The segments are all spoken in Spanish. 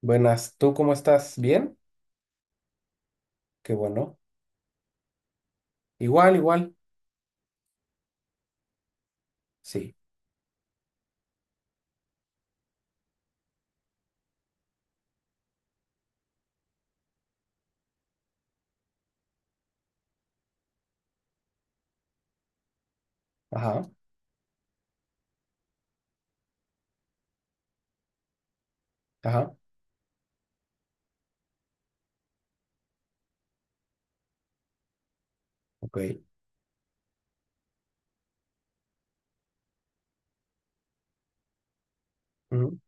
Buenas, ¿tú cómo estás? ¿Bien? Qué bueno. Igual, igual. Sí. Ajá, ajá, ok. Ujú.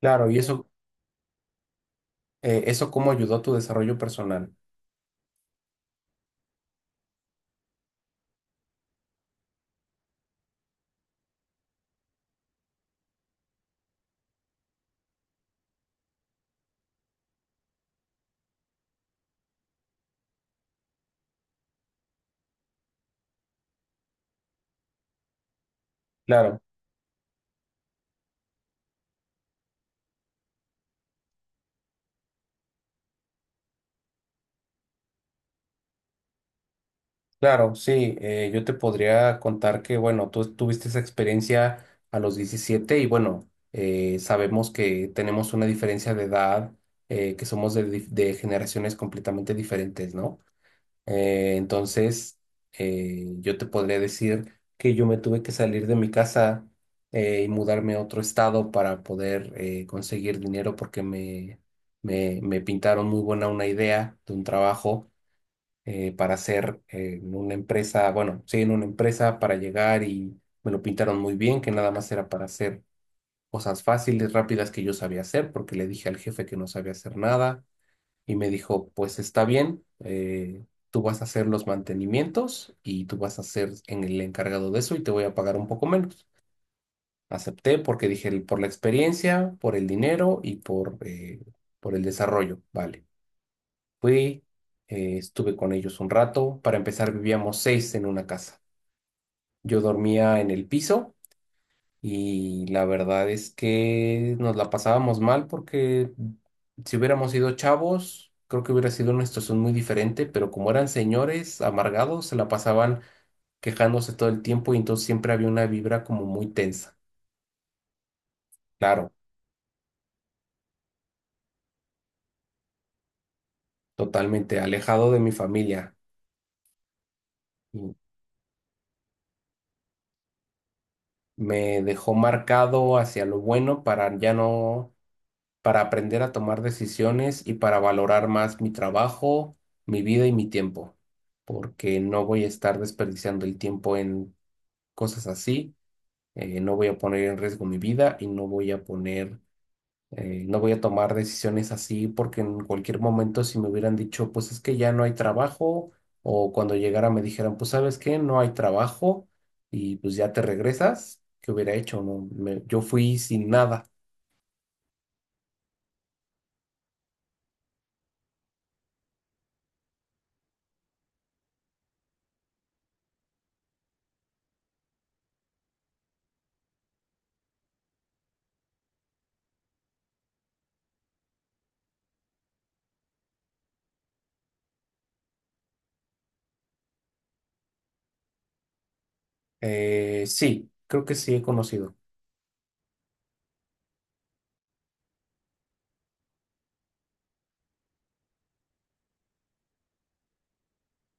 Claro, y eso, eso cómo ayudó a tu desarrollo personal. Claro, claro, sí. Yo te podría contar que, bueno, tú tuviste esa experiencia a los 17 y, bueno, sabemos que tenemos una diferencia de edad, que somos de generaciones completamente diferentes, ¿no? Entonces, yo te podría decir que yo me tuve que salir de mi casa y mudarme a otro estado para poder conseguir dinero porque me pintaron muy buena una idea de un trabajo para hacer en una empresa, bueno, sí, en una empresa para llegar y me lo pintaron muy bien, que nada más era para hacer cosas fáciles, rápidas que yo sabía hacer, porque le dije al jefe que no sabía hacer nada y me dijo, pues está bien, tú vas a hacer los mantenimientos y tú vas a ser en el encargado de eso y te voy a pagar un poco menos. Acepté porque dije, Por la experiencia, por el dinero y por por el desarrollo". Vale, fui, estuve con ellos un rato. Para empezar, vivíamos 6 en una casa. Yo dormía en el piso. Y la verdad es que nos la pasábamos mal porque si hubiéramos sido chavos, creo que hubiera sido una situación muy diferente, pero como eran señores amargados, se la pasaban quejándose todo el tiempo y entonces siempre había una vibra como muy tensa. Claro, totalmente alejado de mi familia. Y me dejó marcado hacia lo bueno para ya no, para aprender a tomar decisiones y para valorar más mi trabajo, mi vida y mi tiempo, porque no voy a estar desperdiciando el tiempo en cosas así, no voy a poner en riesgo mi vida y no voy a poner, no voy a tomar decisiones así porque en cualquier momento si me hubieran dicho, pues es que ya no hay trabajo, o cuando llegara me dijeran, pues sabes qué, no hay trabajo y pues ya te regresas, ¿qué hubiera hecho? No, yo fui sin nada. Sí, creo que sí he conocido.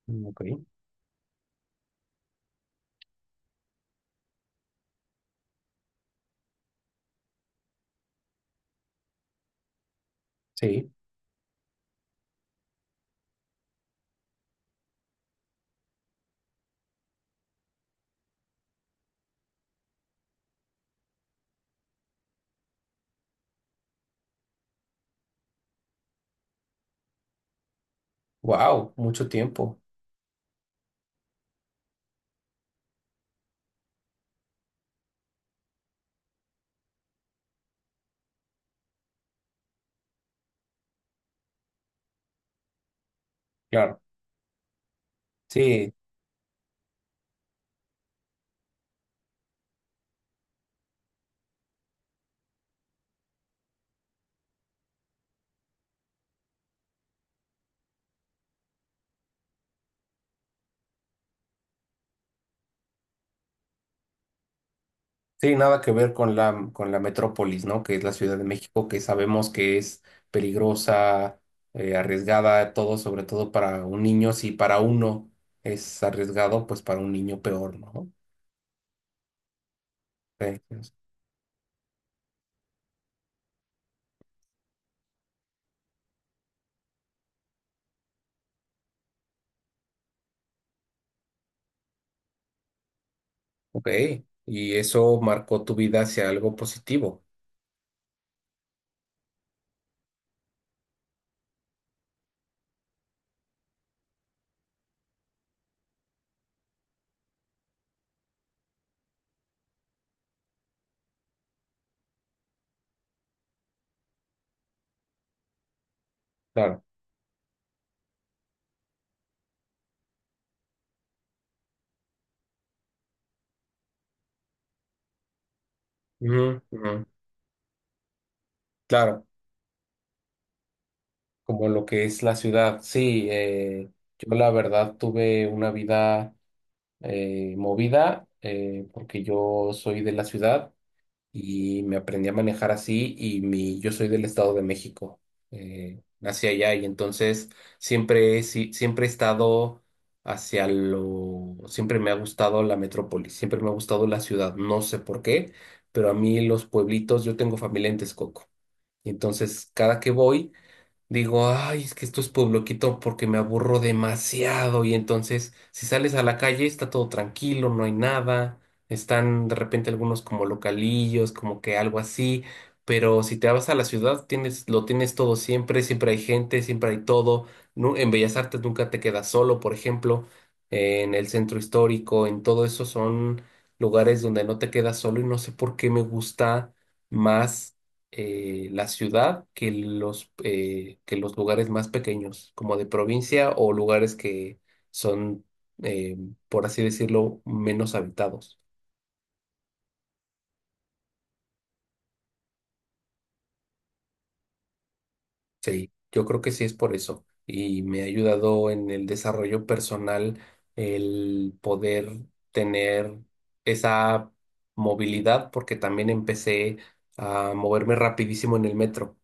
Mm, ok, sí, wow, mucho tiempo, claro, sí, sí, nada que ver con la metrópolis, ¿no? Que es la Ciudad de México, que sabemos que es peligrosa, arriesgada, todo, sobre todo para un niño, si para uno es arriesgado, pues para un niño peor, ¿no? Sí, sí, sí. Ok, y eso marcó tu vida hacia algo positivo, claro. Ujú, ujú. Claro, como lo que es la ciudad, sí, yo la verdad tuve una vida movida, porque yo soy de la ciudad y me aprendí a manejar así y mi, yo soy del Estado de México, nací allá y entonces siempre, he si- siempre he estado hacia lo, siempre me ha gustado la metrópoli, siempre me ha gustado la ciudad, no sé por qué, pero a mí los pueblitos, yo tengo familia en Texcoco. Entonces, cada que voy, digo, ay, es que esto es puebloquito porque me aburro demasiado. Y entonces, si sales a la calle, está todo tranquilo, no hay nada. Están de repente algunos como localillos, como que algo así. Pero si te vas a la ciudad, tienes, lo tienes todo siempre, siempre hay gente, siempre hay todo. En Bellas Artes nunca te quedas solo, por ejemplo, en el centro histórico, en todo eso son lugares donde no te quedas solo y no sé por qué me gusta más la ciudad que los lugares más pequeños, como de provincia o lugares que son, eh, por así decirlo, menos habitados. Sí, yo creo que sí es por eso. Y me ha ayudado en el desarrollo personal el poder tener esa movilidad, porque también empecé a moverme rapidísimo en el metro.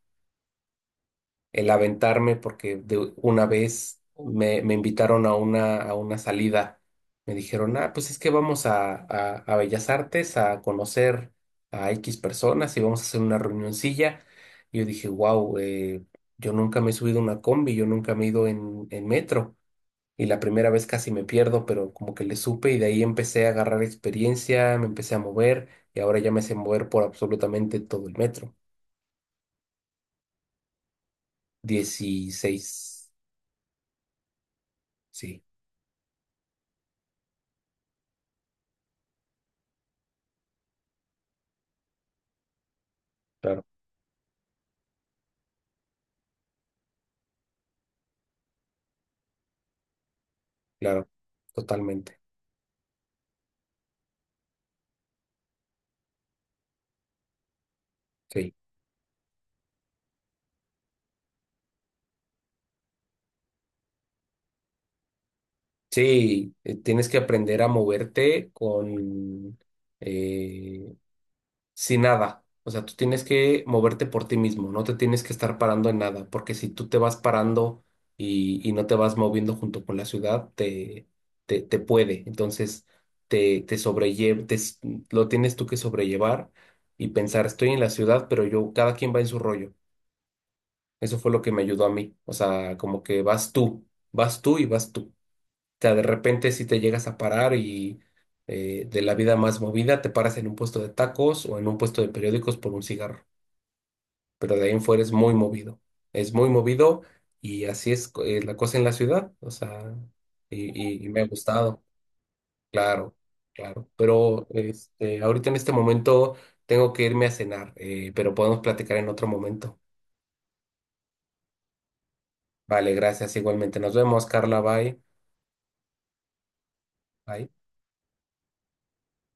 El aventarme porque de una vez me invitaron a una salida. Me dijeron, ah, pues es que vamos a, a Bellas Artes a conocer a X personas y vamos a hacer una reunioncilla. Y yo dije, wow, yo nunca me he subido a una combi, yo nunca me he ido en metro. Y la primera vez casi me pierdo, pero como que le supe y de ahí empecé a agarrar experiencia, me empecé a mover y ahora ya me sé mover por absolutamente todo el metro. 16. Sí. Claro, totalmente. Sí, sí, tienes que aprender a moverte con eh, sin nada. O sea, tú tienes que moverte por ti mismo, no te tienes que estar parando en nada, porque si tú te vas parando y no te vas moviendo junto con la ciudad, te puede. Entonces, te sobrelle- te s- lo tienes tú que sobrellevar y pensar, estoy en la ciudad, pero yo, cada quien va en su rollo. Eso fue lo que me ayudó a mí. O sea, como que vas tú y vas tú. Sea, de repente si te llegas a parar y de la vida más movida, te paras en un puesto de tacos o en un puesto de periódicos por un cigarro, pero de ahí en fuera es muy movido y así es la cosa en la ciudad, o sea, y, y me ha gustado, claro, claro, pero este, ahorita en este momento tengo que irme a cenar, pero podemos platicar en otro momento. Vale, gracias, igualmente. Nos vemos, Carla, bye. Bye.